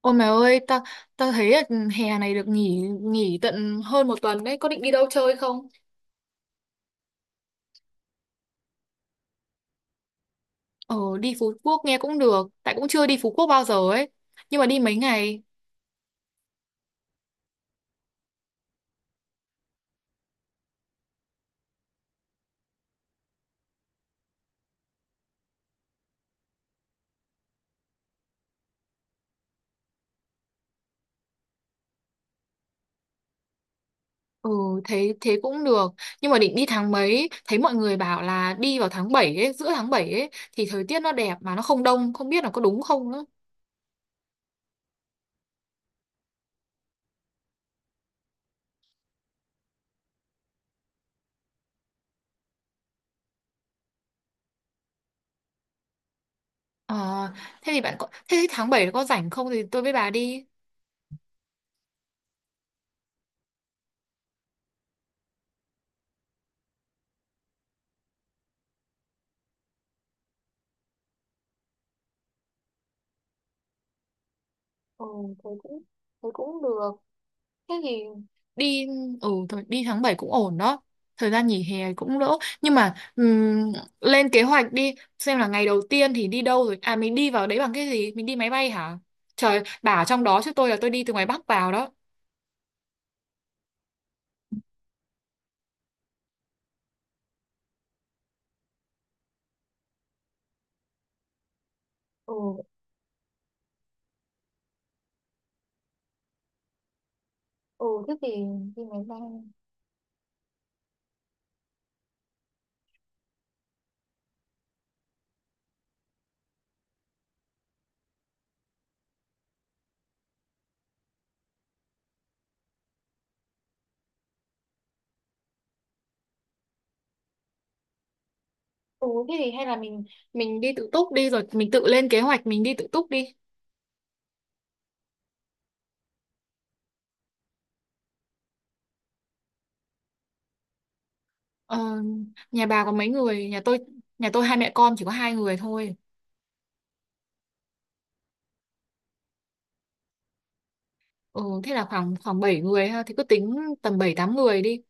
Ôi mày ơi, tao tao thấy là hè này được nghỉ nghỉ tận hơn một tuần đấy, có định đi đâu chơi không? Ờ, đi Phú Quốc nghe cũng được, tại cũng chưa đi Phú Quốc bao giờ ấy. Nhưng mà đi mấy ngày, ừ, thế thế cũng được. Nhưng mà định đi tháng mấy, thấy mọi người bảo là đi vào tháng 7, ấy, giữa tháng 7 ấy, thì thời tiết nó đẹp mà nó không đông, không biết là có đúng không nữa. Ờ, thế thì bạn có, thế thì tháng 7 có rảnh không thì tôi với bà đi. Ừ, thế cũng thế cũng được. Thế thì đi. Ừ, thôi đi tháng 7 cũng ổn đó. Thời gian nghỉ hè cũng đỡ nhưng mà lên kế hoạch đi xem là ngày đầu tiên thì đi đâu rồi à mình đi vào đấy bằng cái gì? Mình đi máy bay hả? Trời, bà ở trong đó chứ tôi đi từ ngoài Bắc vào đó. Ừ, ừ, thế thì đi máy bay. Ừ, thế thì hay là mình đi tự túc đi rồi mình tự lên kế hoạch mình đi tự túc đi. Ờ, nhà bà có mấy người? Nhà tôi hai mẹ con chỉ có 2 người thôi. Ừ, thế là khoảng khoảng 7 người ha, thì cứ tính tầm 7 8 người đi.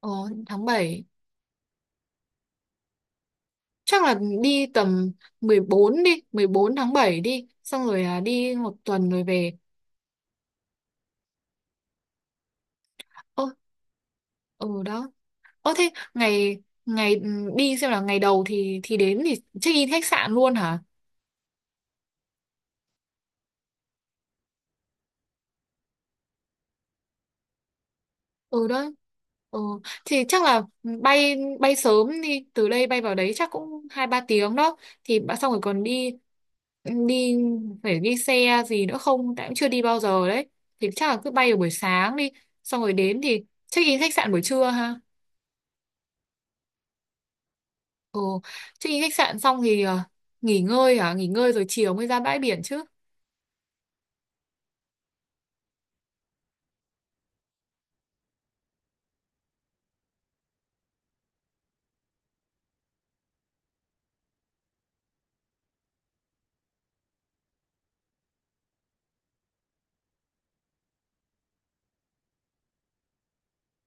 Ờ, tháng 7 chắc là đi tầm 14 đi, 14 tháng 7 đi, xong rồi đi một tuần rồi về. Ơ, ừ đó. Ơ thế ngày ngày ừ, đi xem là ngày đầu thì đến thì check in khách sạn luôn hả? Ừ đó. Ừ, thì chắc là bay bay sớm, đi từ đây bay vào đấy chắc cũng 2 3 tiếng đó, thì xong rồi còn đi, ừ, đi phải đi xe gì nữa không tại cũng chưa đi bao giờ đấy, thì chắc là cứ bay vào buổi sáng đi, xong rồi đến thì check in khách sạn buổi trưa ha. Ừ, check-in khách sạn xong thì nghỉ ngơi hả? Nghỉ ngơi rồi chiều mới ra bãi biển chứ.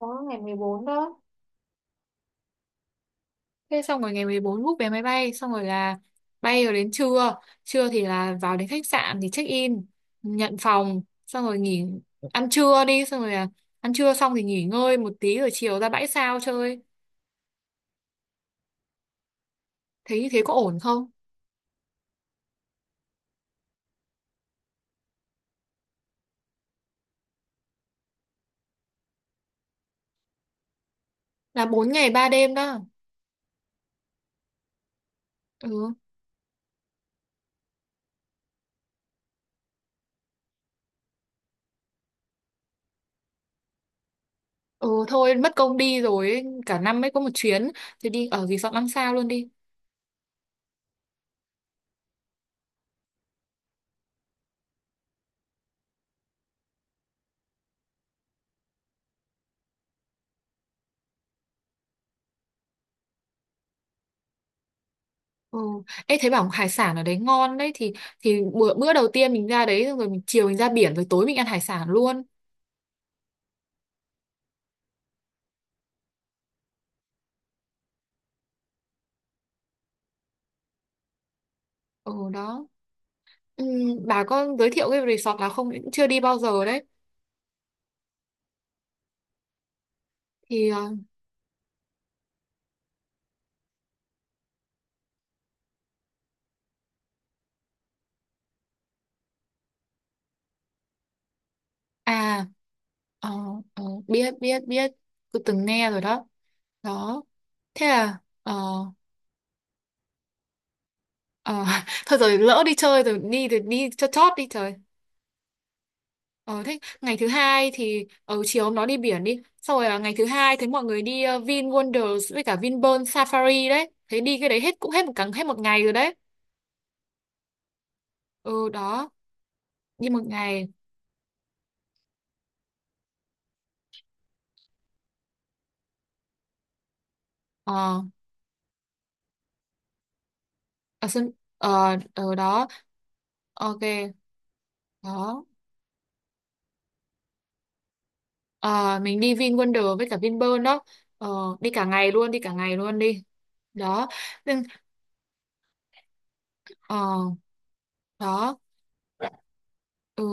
Đó, ngày 14 đó. Thế xong rồi ngày 14 book vé máy bay, xong rồi là bay rồi đến trưa. Trưa thì là vào đến khách sạn thì check-in, nhận phòng, xong rồi nghỉ, ăn trưa đi, xong rồi là ăn trưa xong thì nghỉ ngơi một tí rồi chiều ra bãi sao chơi. Thế như thế có ổn không? Là 4 ngày 3 đêm đó. Ừ. Ừ thôi, mất công đi rồi ấy. Cả năm mới có một chuyến thì đi ở resort 5 sao luôn đi. Ừ. Ê, thấy bảo hải sản ở đấy ngon đấy thì bữa bữa đầu tiên mình ra đấy rồi mình chiều mình ra biển rồi tối mình ăn hải sản luôn. Ừ đó. Ừ, bà có giới thiệu cái resort nào không? Cũng chưa đi bao giờ đấy. Thì à ờ, biết biết biết tôi từng nghe rồi đó. Đó. Thế là ờ, thôi rồi, lỡ đi chơi rồi, đi thì đi cho chót đi trời. Ờ thế ngày thứ hai thì ở chiều hôm đó đi biển đi. Xong rồi ngày thứ hai thấy mọi người đi Vin Wonders với cả Vinpearl Safari đấy. Thế đi cái đấy hết cũng hết một ngày rồi đấy. Ừ đó, đi một ngày. Ờ ở sân ở đó. Ok, đó. Ờ mình đi Vin Wonders với cả Vinpearl đó. Ờ đi cả ngày luôn, đi cả ngày luôn đi. Đó. Nhưng- Ờ đó. Ừ.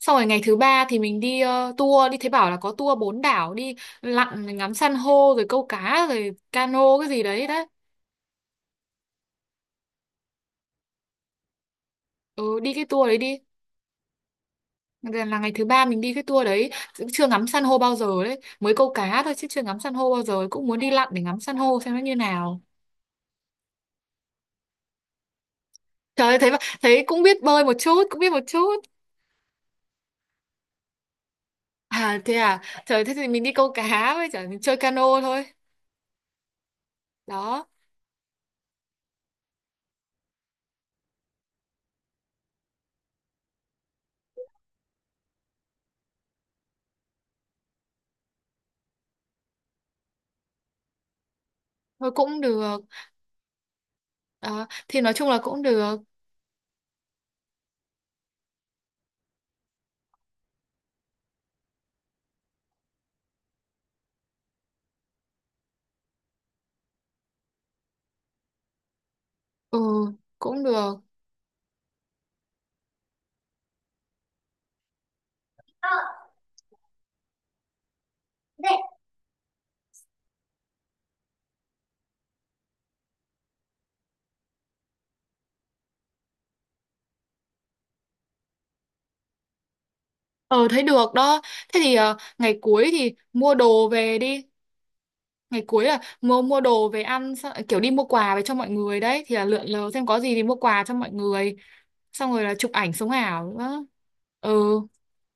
Xong rồi ngày thứ ba thì mình đi tour, đi thấy bảo là có tour 4 đảo, đi lặn ngắm san hô rồi câu cá rồi cano cái gì đấy đấy. Ừ, đi cái tour đấy đi. Là ngày thứ ba mình đi cái tour đấy, cũng chưa ngắm san hô bao giờ đấy, mới câu cá thôi chứ chưa ngắm san hô bao giờ, cũng muốn đi lặn để ngắm san hô xem nó như nào. Trời ơi, thấy cũng biết bơi một chút, cũng biết một chút. À thế à, trời thế thì mình đi câu cá với chả mình chơi cano thôi. Đó, thôi cũng được. Đó, thì nói chung là cũng được. Ừ, cũng được. Ờ, thấy được đó. Thế thì ngày cuối thì mua đồ về đi. Ngày cuối là mua mua đồ về ăn xong, kiểu đi mua quà về cho mọi người đấy thì là lượn lờ xem có gì thì mua quà cho mọi người. Xong rồi là chụp ảnh sống ảo nữa. Ừ,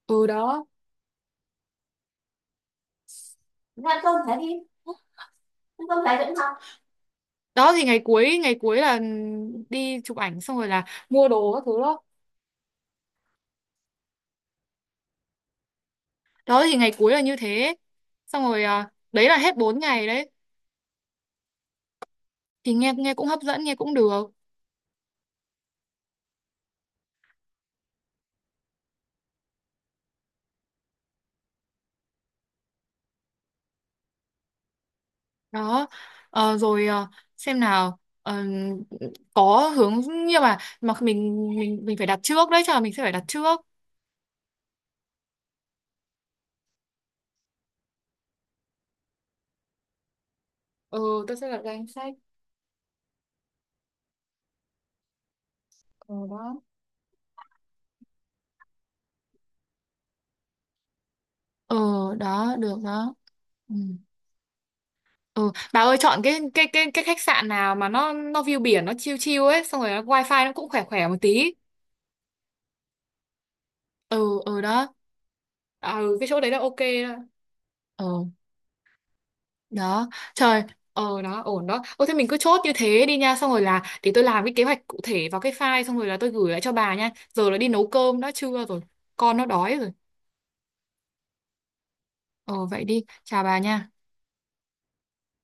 ừ đó. Ăn cơm thế đi, ăn cơm thế cũng không. Đó thì ngày cuối là đi chụp ảnh xong rồi là mua đồ các thứ đó. Đó thì ngày cuối là như thế. Xong rồi đấy là hết 4 ngày đấy. Thì nghe nghe cũng hấp dẫn, nghe cũng được. Đó. Ờ, rồi. Ờ, xem nào. Ờ, có hướng nhưng mà mình phải đặt trước đấy, chắc là mình sẽ phải đặt trước. Ừ, tôi sẽ lập danh sách. Ừ đó. Ờ đó, được đó. Ừ. Ừ, bà ơi chọn cái khách sạn nào mà nó view biển nó chill chill ấy, xong rồi nó wifi nó cũng khỏe khỏe một tí. Ừ, ừ đó. À, ừ cái chỗ đấy là ok. Đó. Ừ đó. Trời, ờ đó, ổn đó. Ô thế mình cứ chốt như thế đi nha, xong rồi là để tôi làm cái kế hoạch cụ thể vào cái file, xong rồi là tôi gửi lại cho bà nha. Giờ là đi nấu cơm đã, trưa rồi, con nó đói rồi. Ờ vậy đi, chào bà nha.